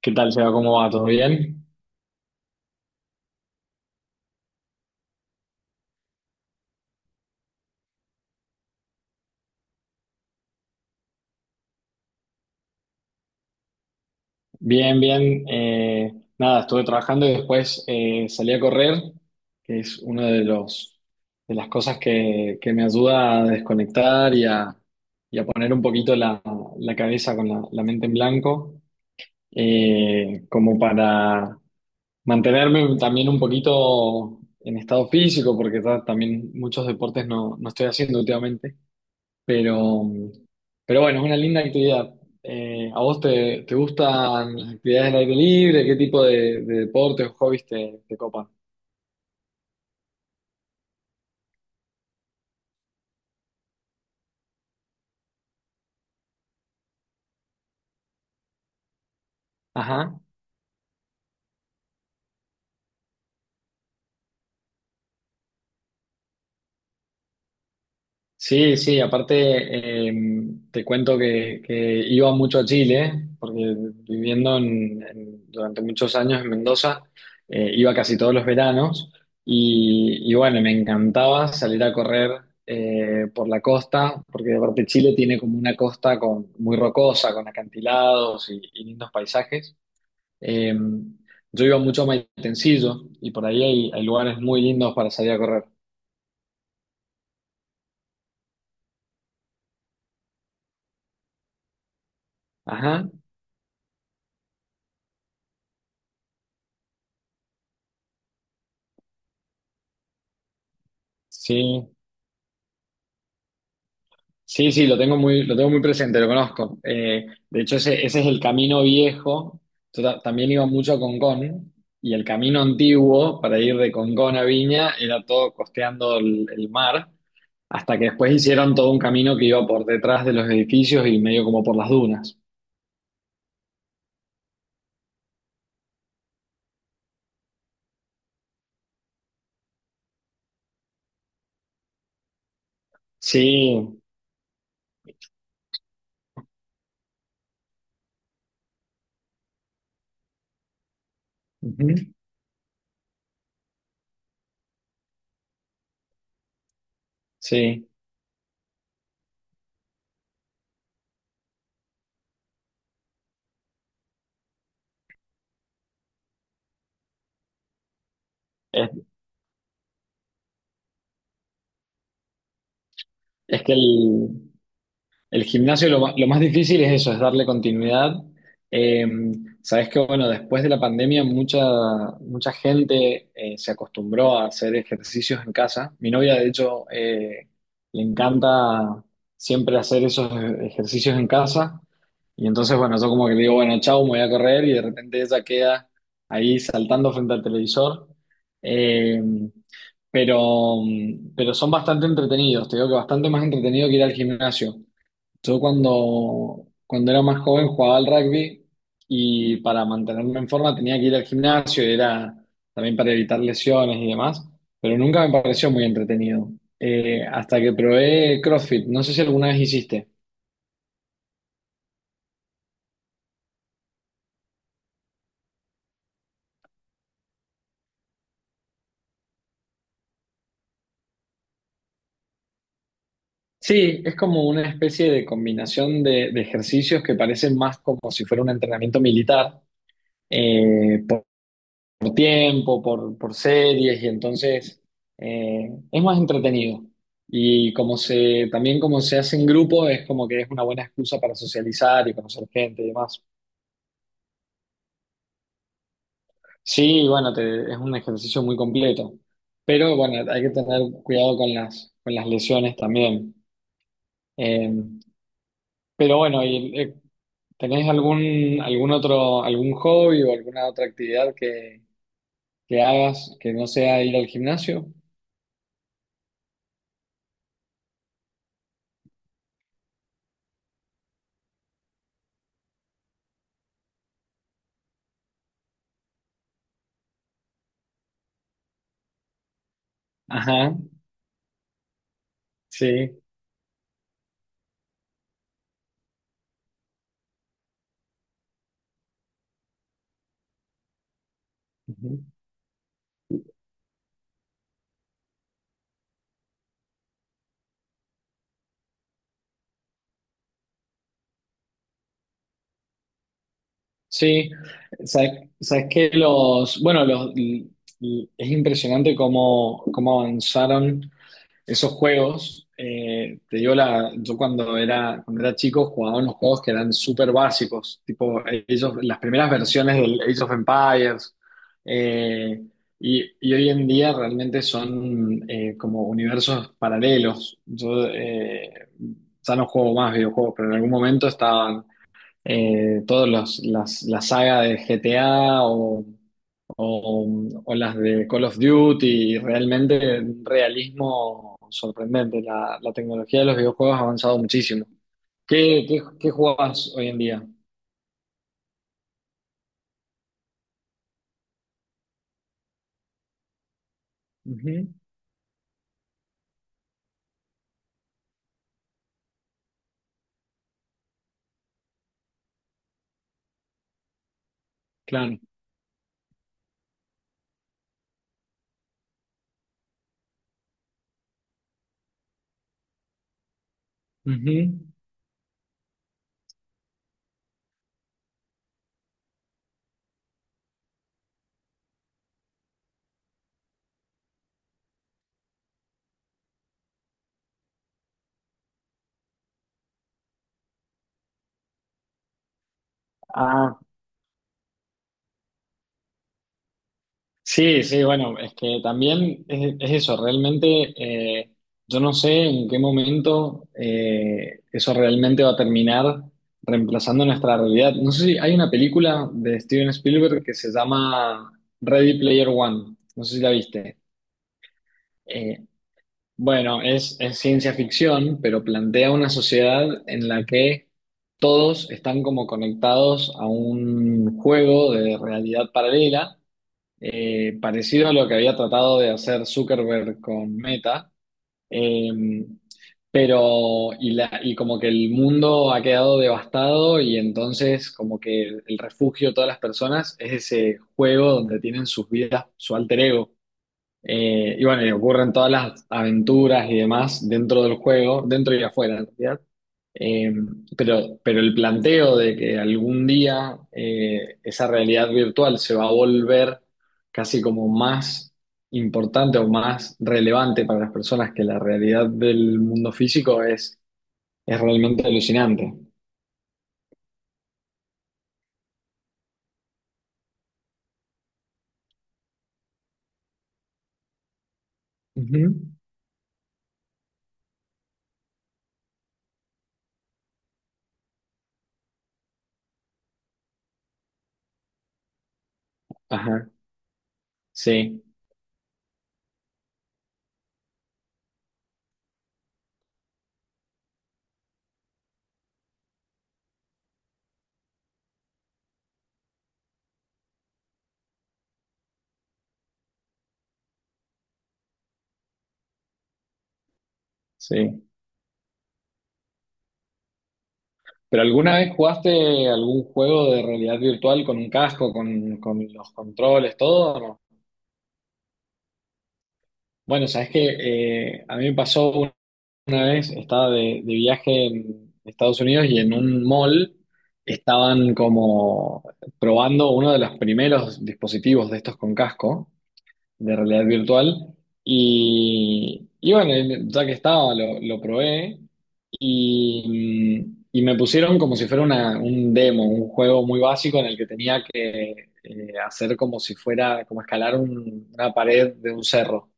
¿Qué tal, Seba? ¿Cómo va? ¿Todo bien? Bien, bien. Nada, estuve trabajando y después salí a correr, que es una de las cosas que me ayuda a desconectar y a poner un poquito la cabeza con la mente en blanco, como para mantenerme también un poquito en estado físico, porque también muchos deportes no estoy haciendo últimamente. Pero, pero bueno, es una linda actividad. ¿A vos te gustan las actividades al aire libre? ¿Qué tipo de deportes o hobbies te copan? Ajá. Sí, sí, aparte te cuento que iba mucho a Chile, porque viviendo durante muchos años en Mendoza, iba casi todos los veranos y bueno, me encantaba salir a correr por la costa, porque aparte Chile tiene como una costa muy rocosa, con acantilados y lindos paisajes. Eh, yo iba mucho a Maitencillo y por ahí hay lugares muy lindos para salir a correr. Ajá. Sí, sí, sí, lo tengo lo tengo muy presente, lo conozco. De hecho, ese es el camino viejo. Yo también iba mucho a Concón y el camino antiguo para ir de Concón a Viña era todo costeando el mar, hasta que después hicieron todo un camino que iba por detrás de los edificios y medio como por las dunas. Sí, ujú, sí. Es, es que el gimnasio lo más difícil es eso, es darle continuidad. Eh, sabes que, bueno, después de la pandemia mucha gente se acostumbró a hacer ejercicios en casa. Mi novia, de hecho, le encanta siempre hacer esos ejercicios en casa. Y entonces, bueno, yo como que le digo, bueno, chau, me voy a correr y de repente ella queda ahí saltando frente al televisor. Eh, pero, pero son bastante entretenidos, te digo que bastante más entretenido que ir al gimnasio. Yo cuando era más joven jugaba al rugby y para mantenerme en forma tenía que ir al gimnasio, y era también para evitar lesiones y demás, pero nunca me pareció muy entretenido. Hasta que probé CrossFit, no sé si alguna vez hiciste. Sí, es como una especie de combinación de ejercicios que parecen más como si fuera un entrenamiento militar, tiempo, por series, y entonces es más entretenido. Y también como se hace en grupo, es como que es una buena excusa para socializar y conocer gente y demás. Sí, bueno, es un ejercicio muy completo, pero bueno, hay que tener cuidado con con las lesiones también. Eh, pero bueno, ¿tenés algún, algún otro, algún hobby o alguna otra actividad que hagas que no sea ir al gimnasio? Ajá, sí. Sí, sabes, sabes que los, bueno, los, l- l- es impresionante cómo avanzaron esos juegos. Te digo la, yo cuando era chico jugaba unos juegos que eran súper básicos, tipo ellos, las primeras versiones del Age of Empires, eh, y hoy en día realmente son como universos paralelos. Yo ya no juego más videojuegos, pero en algún momento estaban todas la saga de GTA o las de Call of Duty, y realmente un realismo sorprendente. La tecnología de los videojuegos ha avanzado muchísimo. ¿Qué, qué, qué jugás hoy en día? Ujú, claro. Ujú. Sí, sí, bueno, es que también es eso, realmente eh, yo no sé en qué momento eso realmente va a terminar reemplazando nuestra realidad. No sé si hay una película de Steven Spielberg que se llama Ready Player One, no sé si la viste. Eh, bueno, es ciencia ficción, pero plantea una sociedad en la que todos están como conectados a un juego de realidad paralela parecido a lo que había tratado de hacer Zuckerberg con Meta, eh, pero y como que el mundo ha quedado devastado y entonces como que el refugio de todas las personas es ese juego donde tienen sus vidas, su alter ego. Y bueno, y ocurren todas las aventuras y demás dentro del juego, dentro y afuera, en realidad. Eh, pero el planteo de que algún día esa realidad virtual se va a volver casi como más importante o más relevante para las personas que la realidad del mundo físico es realmente alucinante. Ujú. Ajá, sí, sí. ¿Pero alguna vez jugaste algún juego de realidad virtual con un casco, con los controles, todo? ¿O no? Bueno, sabes que a mí me pasó una vez, estaba de viaje en Estados Unidos y en un mall estaban como probando uno de los primeros dispositivos de estos con casco de realidad virtual. Y bueno, y ya que estaba, lo probé y me pusieron como si fuera un demo, un juego muy básico en el que tenía que hacer como si fuera, como escalar una pared de un cerro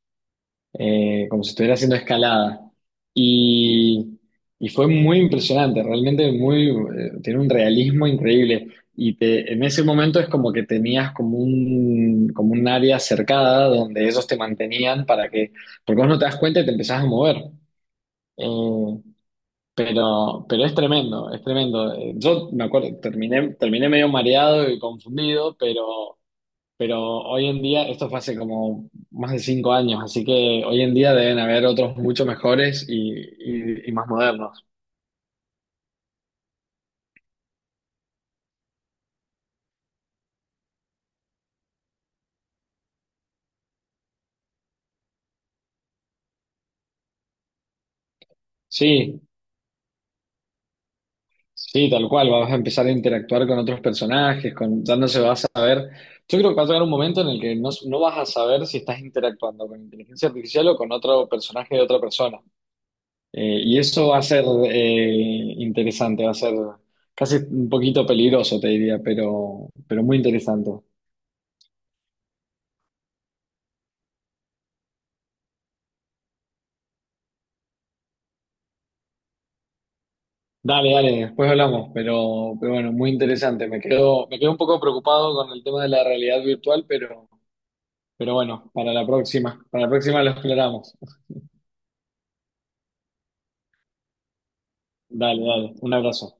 como si estuviera haciendo escalada. Y, y fue muy impresionante, realmente muy, tiene un realismo increíble. Y en ese momento es como que tenías como un área cercada donde ellos te mantenían porque vos no te das cuenta y te empezás a mover. Eh, pero es tremendo, es tremendo. Yo me acuerdo, terminé medio mareado y confundido, pero hoy en día, esto fue hace como más de 5 años, así que hoy en día deben haber otros mucho mejores y más modernos. Sí, sí, tal cual, vas a empezar a interactuar con otros personajes, con, ya no se va a saber. Yo creo que va a llegar un momento en el que no vas a saber si estás interactuando con inteligencia artificial o con otro personaje de otra persona. Y eso va a ser interesante, va a ser casi un poquito peligroso, te diría, pero muy interesante. Dale, dale, después hablamos, pero bueno, muy interesante. Me quedo un poco preocupado con el tema de la realidad virtual, pero bueno, para la próxima lo exploramos. Dale, dale, un abrazo.